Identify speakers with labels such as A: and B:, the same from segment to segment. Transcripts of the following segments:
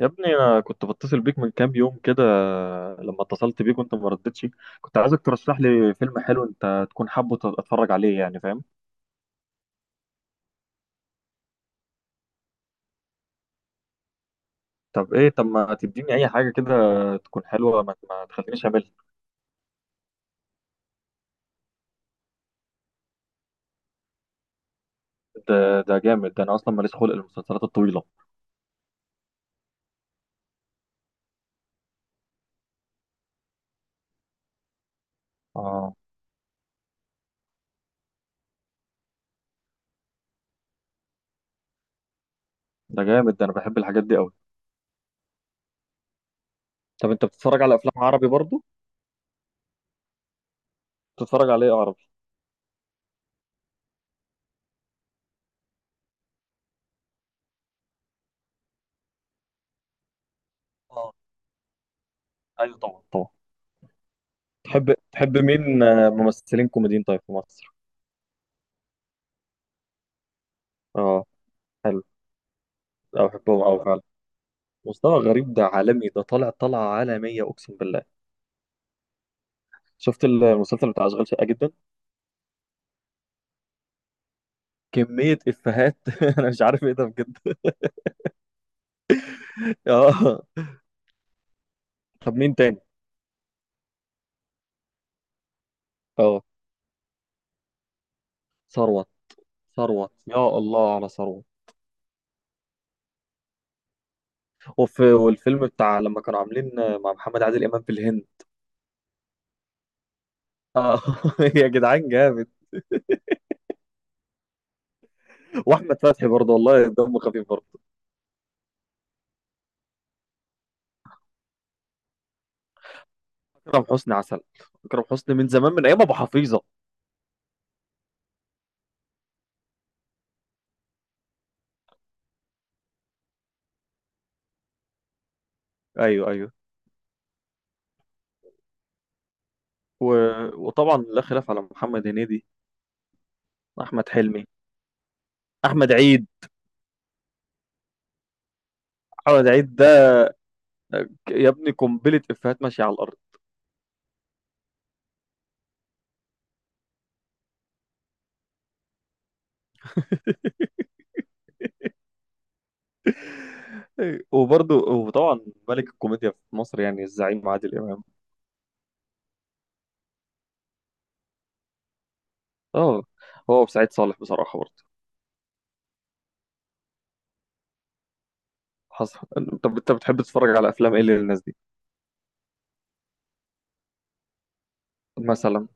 A: يا ابني، انا كنت بتصل بيك من كام يوم كده. لما اتصلت بيك وانت ما ردتش. كنت عايزك ترشح لي فيلم حلو انت تكون حابه اتفرج عليه، يعني فاهم؟ طب ايه؟ طب ما تديني اي حاجه كده تكون حلوه، ما تخلينيش اعملها. ده جامد. ده انا اصلا ماليش خلق المسلسلات الطويله. اه، ده جامد. ده انا بحب الحاجات دي قوي. طب انت بتتفرج على افلام عربي برضو؟ بتتفرج على ايه عربي؟ اه، ايوه طبعا، طبعا. تحب مين ممثلين كوميديين طيب في مصر؟ اه، حلو. أو بحبهم أوي فعلا. مصطفى غريب ده عالمي. ده طالع طلعة عالمية أقسم بالله. شفت المسلسل بتاع أشغال شقة جدا؟ كمية إفيهات أنا مش عارف إيه ده بجد آه، طب مين تاني؟ آه، ثروت. ثروت، يا الله على ثروت. والفيلم بتاع لما كانوا عاملين مع محمد عادل إمام في الهند. آه يا جدعان، جامد! وأحمد فتحي برضه، والله دمه خفيف برضه. أكرم حسني عسل. أكرم حسني من زمان، من أيام أبو حفيظة. أيوه، أيوه. و... وطبعا لا خلاف على محمد هنيدي. أحمد حلمي. أحمد عيد. محمد عيد ده، يا ابني قنبلة إفيهات ماشية على الأرض. وبرضه، وطبعا ملك الكوميديا في مصر يعني الزعيم عادل إمام. اه. هو وسعيد صالح بصراحة برضه. حصل. طب أنت بتحب تتفرج على أفلام إيه للناس دي؟ مثلا؟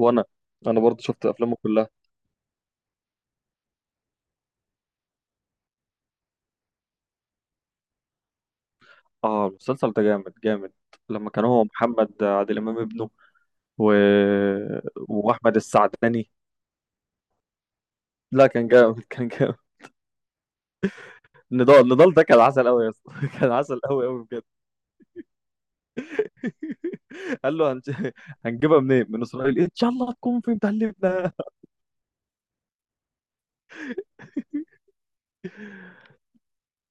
A: وأنا أنا برضه شفت أفلامه كلها. اه، المسلسل ده جامد جامد. لما كان هو محمد عادل إمام ابنه و... وأحمد السعداني. لا، كان جامد، كان جامد. نضال، نضال ده كان عسل قوي يا اسطى كان عسل قوي قوي بجد قال له هنجيبها منين؟ من اسرائيل ان شاء الله تكون في متهلبنا.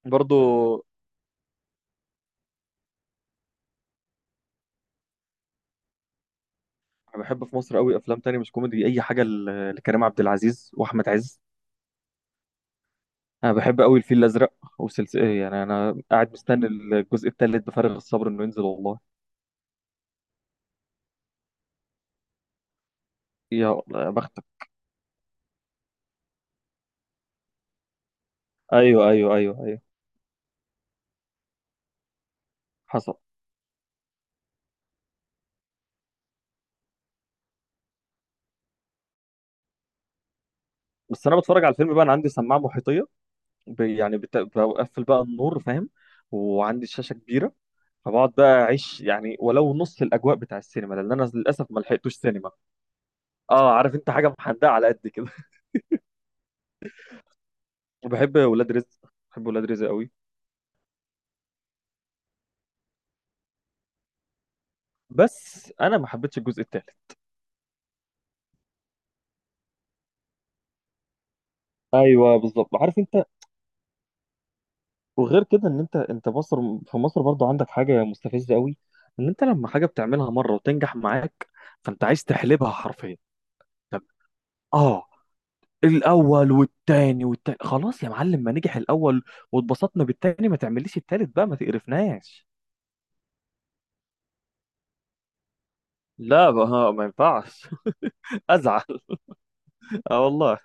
A: برضو، انا بحب في مصر قوي افلام تانية مش كوميدي، اي حاجه لكريم عبد العزيز واحمد عز. انا بحب قوي الفيل الازرق. وسلسله، يعني انا قاعد مستني الجزء الثالث بفارغ الصبر انه ينزل والله. يا الله يا بختك! ايوه، ايوه، ايوه، ايوه. حصل. بس انا بتفرج على الفيلم بقى، انا عندي سماعه محيطيه، يعني بقفل بقى النور، فاهم؟ وعندي شاشة كبيرة، فبقعد بقى اعيش يعني ولو نص الاجواء بتاع السينما، لان انا للاسف ما لحقتوش سينما. اه، عارف انت؟ حاجة محدقة على قد كده وبحب ولاد رزق. بحب ولاد رزق قوي. بس انا ما حبيتش الجزء الثالث. ايوه، بالظبط، عارف انت. وغير كده ان انت مصر، في مصر برضو عندك حاجه مستفزه قوي، ان انت لما حاجه بتعملها مره وتنجح معاك، فانت عايز تحلبها حرفيا. طب. اه. الاول والتاني خلاص يا معلم، ما نجح الاول واتبسطنا بالتاني، ما تعمليش التالت بقى ما تقرفناش. لا، ما ينفعش ازعل. اه، والله.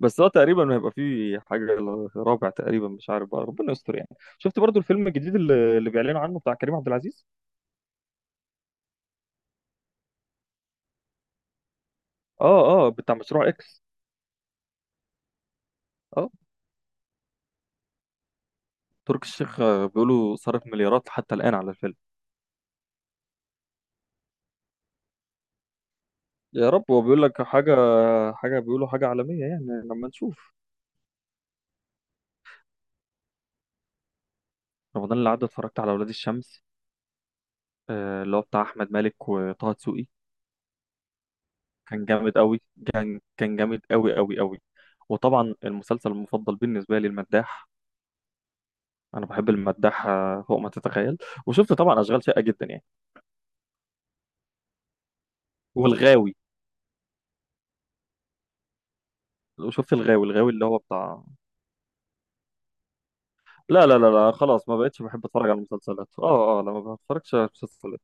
A: بس هو تقريبا ما هيبقى فيه حاجه، رابع تقريبا، مش عارف بقى، ربنا يستر يعني. شفت برضو الفيلم الجديد اللي بيعلنوا عنه بتاع كريم عبد العزيز؟ اه، اه، بتاع مشروع اكس. اه، تركي الشيخ بيقولوا صرف مليارات حتى الان على الفيلم. يا رب. هو بيقول لك حاجه، حاجه، بيقولوا حاجه عالميه يعني، لما نشوف. رمضان اللي عدى اتفرجت على اولاد الشمس، اللي هو بتاع احمد مالك وطه دسوقي. كان جامد قوي. كان جامد قوي قوي قوي. وطبعا المسلسل المفضل بالنسبه لي المداح. انا بحب المداح فوق ما تتخيل. وشفت طبعا اشغال شاقه جدا يعني. والغاوي. وشفت الغاوي اللي هو بتاع. لا، لا، لا، لا، خلاص ما بقتش بحب اتفرج على المسلسلات، اه، اه، لا ما بتفرجش على المسلسلات.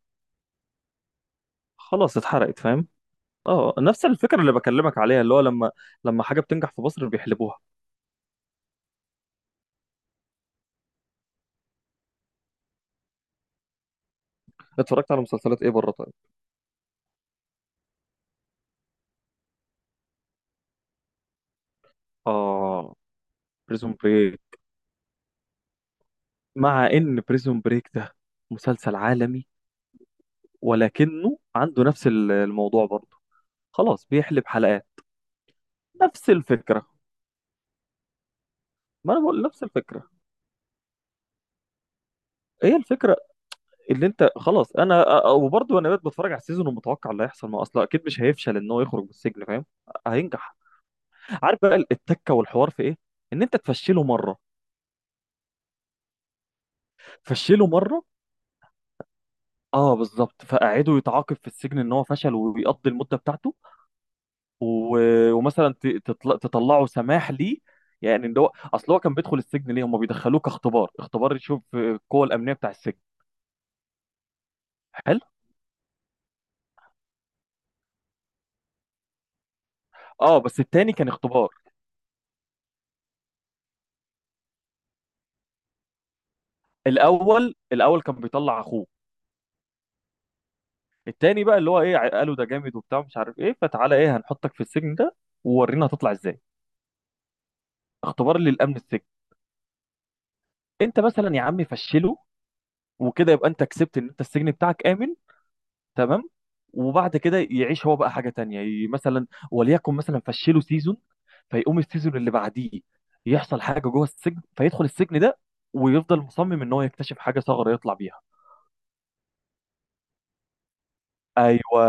A: خلاص اتحرقت، فاهم؟ اه. آه. نفس الفكره اللي بكلمك عليها، اللي هو لما، لما حاجه بتنجح في مصر بيحلبوها. اتفرجت على مسلسلات ايه بره طيب؟ اه، بريزون بريك. مع ان بريزون بريك ده مسلسل عالمي، ولكنه عنده نفس الموضوع برضه. خلاص بيحلب حلقات. نفس الفكره. ما انا بقول نفس الفكره. ايه الفكره؟ اللي انت خلاص انا وبرضه انا بقيت بتفرج على السيزون ومتوقع اللي هيحصل، ما اصلا اكيد مش هيفشل ان هو يخرج من السجن، فاهم؟ هينجح. عارف بقى التكه والحوار في ايه؟ ان انت تفشله مره. فشله مره. اه، بالظبط، فقعده يتعاقب في السجن ان هو فشل ويقضي المده بتاعته، ومثلا تطلعوا سماح ليه. يعني ان هو اصل، هو كان بيدخل السجن ليه، هم بيدخلوه كاختبار، اختبار يشوف القوه الامنيه بتاع السجن. حلو. اه، بس التاني كان اختبار. الاول كان بيطلع اخوه. التاني بقى اللي هو ايه، قالوا ده جامد وبتاع مش عارف ايه، فتعالى ايه، هنحطك في السجن ده، وورينا هتطلع ازاي. اختبار للامن السجن. انت مثلا يا عم فشله، وكده يبقى انت كسبت ان انت السجن بتاعك امن. تمام. وبعد كده يعيش هو بقى حاجه تانية، مثلا وليكن، مثلا فشله سيزون، فيقوم السيزون اللي بعديه يحصل حاجه جوه السجن، فيدخل السجن ده ويفضل مصمم ان هو يكتشف حاجه، ثغره يطلع بيها. ايوه.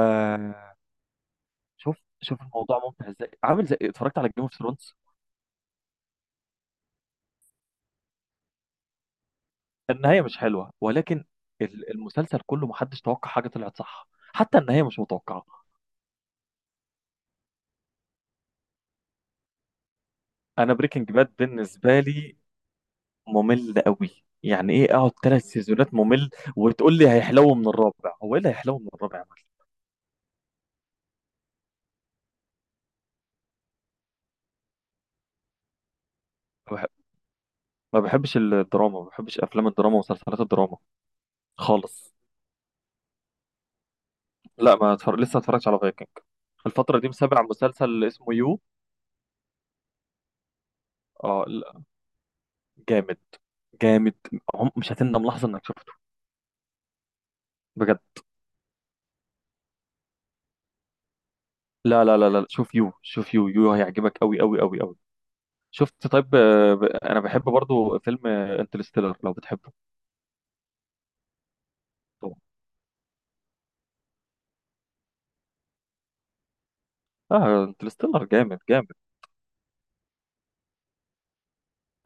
A: شوف، شوف الموضوع ممتع ازاي، عامل زي، اتفرجت على جيم اوف ثرونز؟ النهايه مش حلوه ولكن المسلسل كله محدش توقع حاجه طلعت صح. حتى النهايه مش متوقعه. انا بريكنج باد بالنسبه لي ممل قوي. يعني ايه اقعد 3 سيزونات ممل وتقول لي هيحلو من الرابع؟ هو ايه اللي هيحلو من الرابع يا معلم؟ ما بح- ما بحبش الدراما، ما بحبش افلام الدراما ومسلسلات الدراما خالص. لا، ما اتفرج، لسه ما اتفرجتش على فايكنج. الفترة دي متابع مسلسل اسمه يو. اه، لا، جامد، جامد. مش هتندم لحظة انك شفته، بجد. لا، لا، لا، لا، شوف يو، شوف يو، يو هيعجبك قوي قوي قوي قوي. شفت طيب؟ انا بحب برضو فيلم انترستيلر لو بتحبه. طبعا. اه، انترستيلر جامد جامد.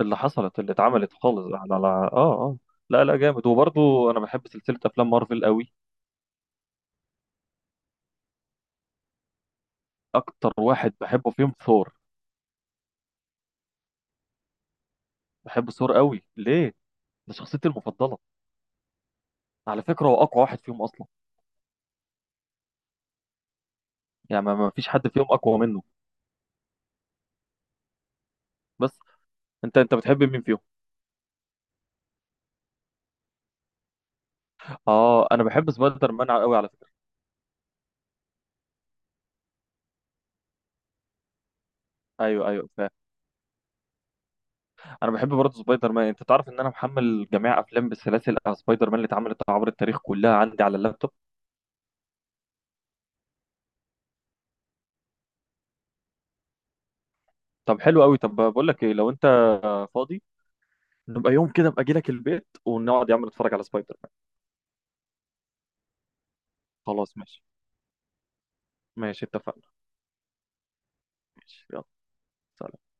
A: اللي حصلت، اللي اتعملت خالص على، اه، اه. لا، لا، جامد، وبرضه انا بحب سلسله افلام مارفل قوي. اكتر واحد بحبه فيهم ثور. بحب ثور قوي، ليه؟ ده شخصيتي المفضله. على فكره، هو اقوى واحد فيهم اصلا. يعني ما فيش حد فيهم اقوى منه. بس، انت بتحب مين فيهم؟ اه، انا بحب سبايدر مان قوي على فكره. ايوه، ايوه، انا بحب برضه سبايدر مان، انت تعرف ان انا محمل جميع افلام بالسلاسل سبايدر مان اللي اتعملت عبر التاريخ كلها عندي على اللابتوب. طب حلو قوي. طب بقول لك ايه، لو انت فاضي، نبقى يوم كده ابقى اجي لك البيت ونقعد يا عم نتفرج على سبايدر مان. خلاص، ماشي. ماشي، اتفقنا. ماشي، يلا. سلام.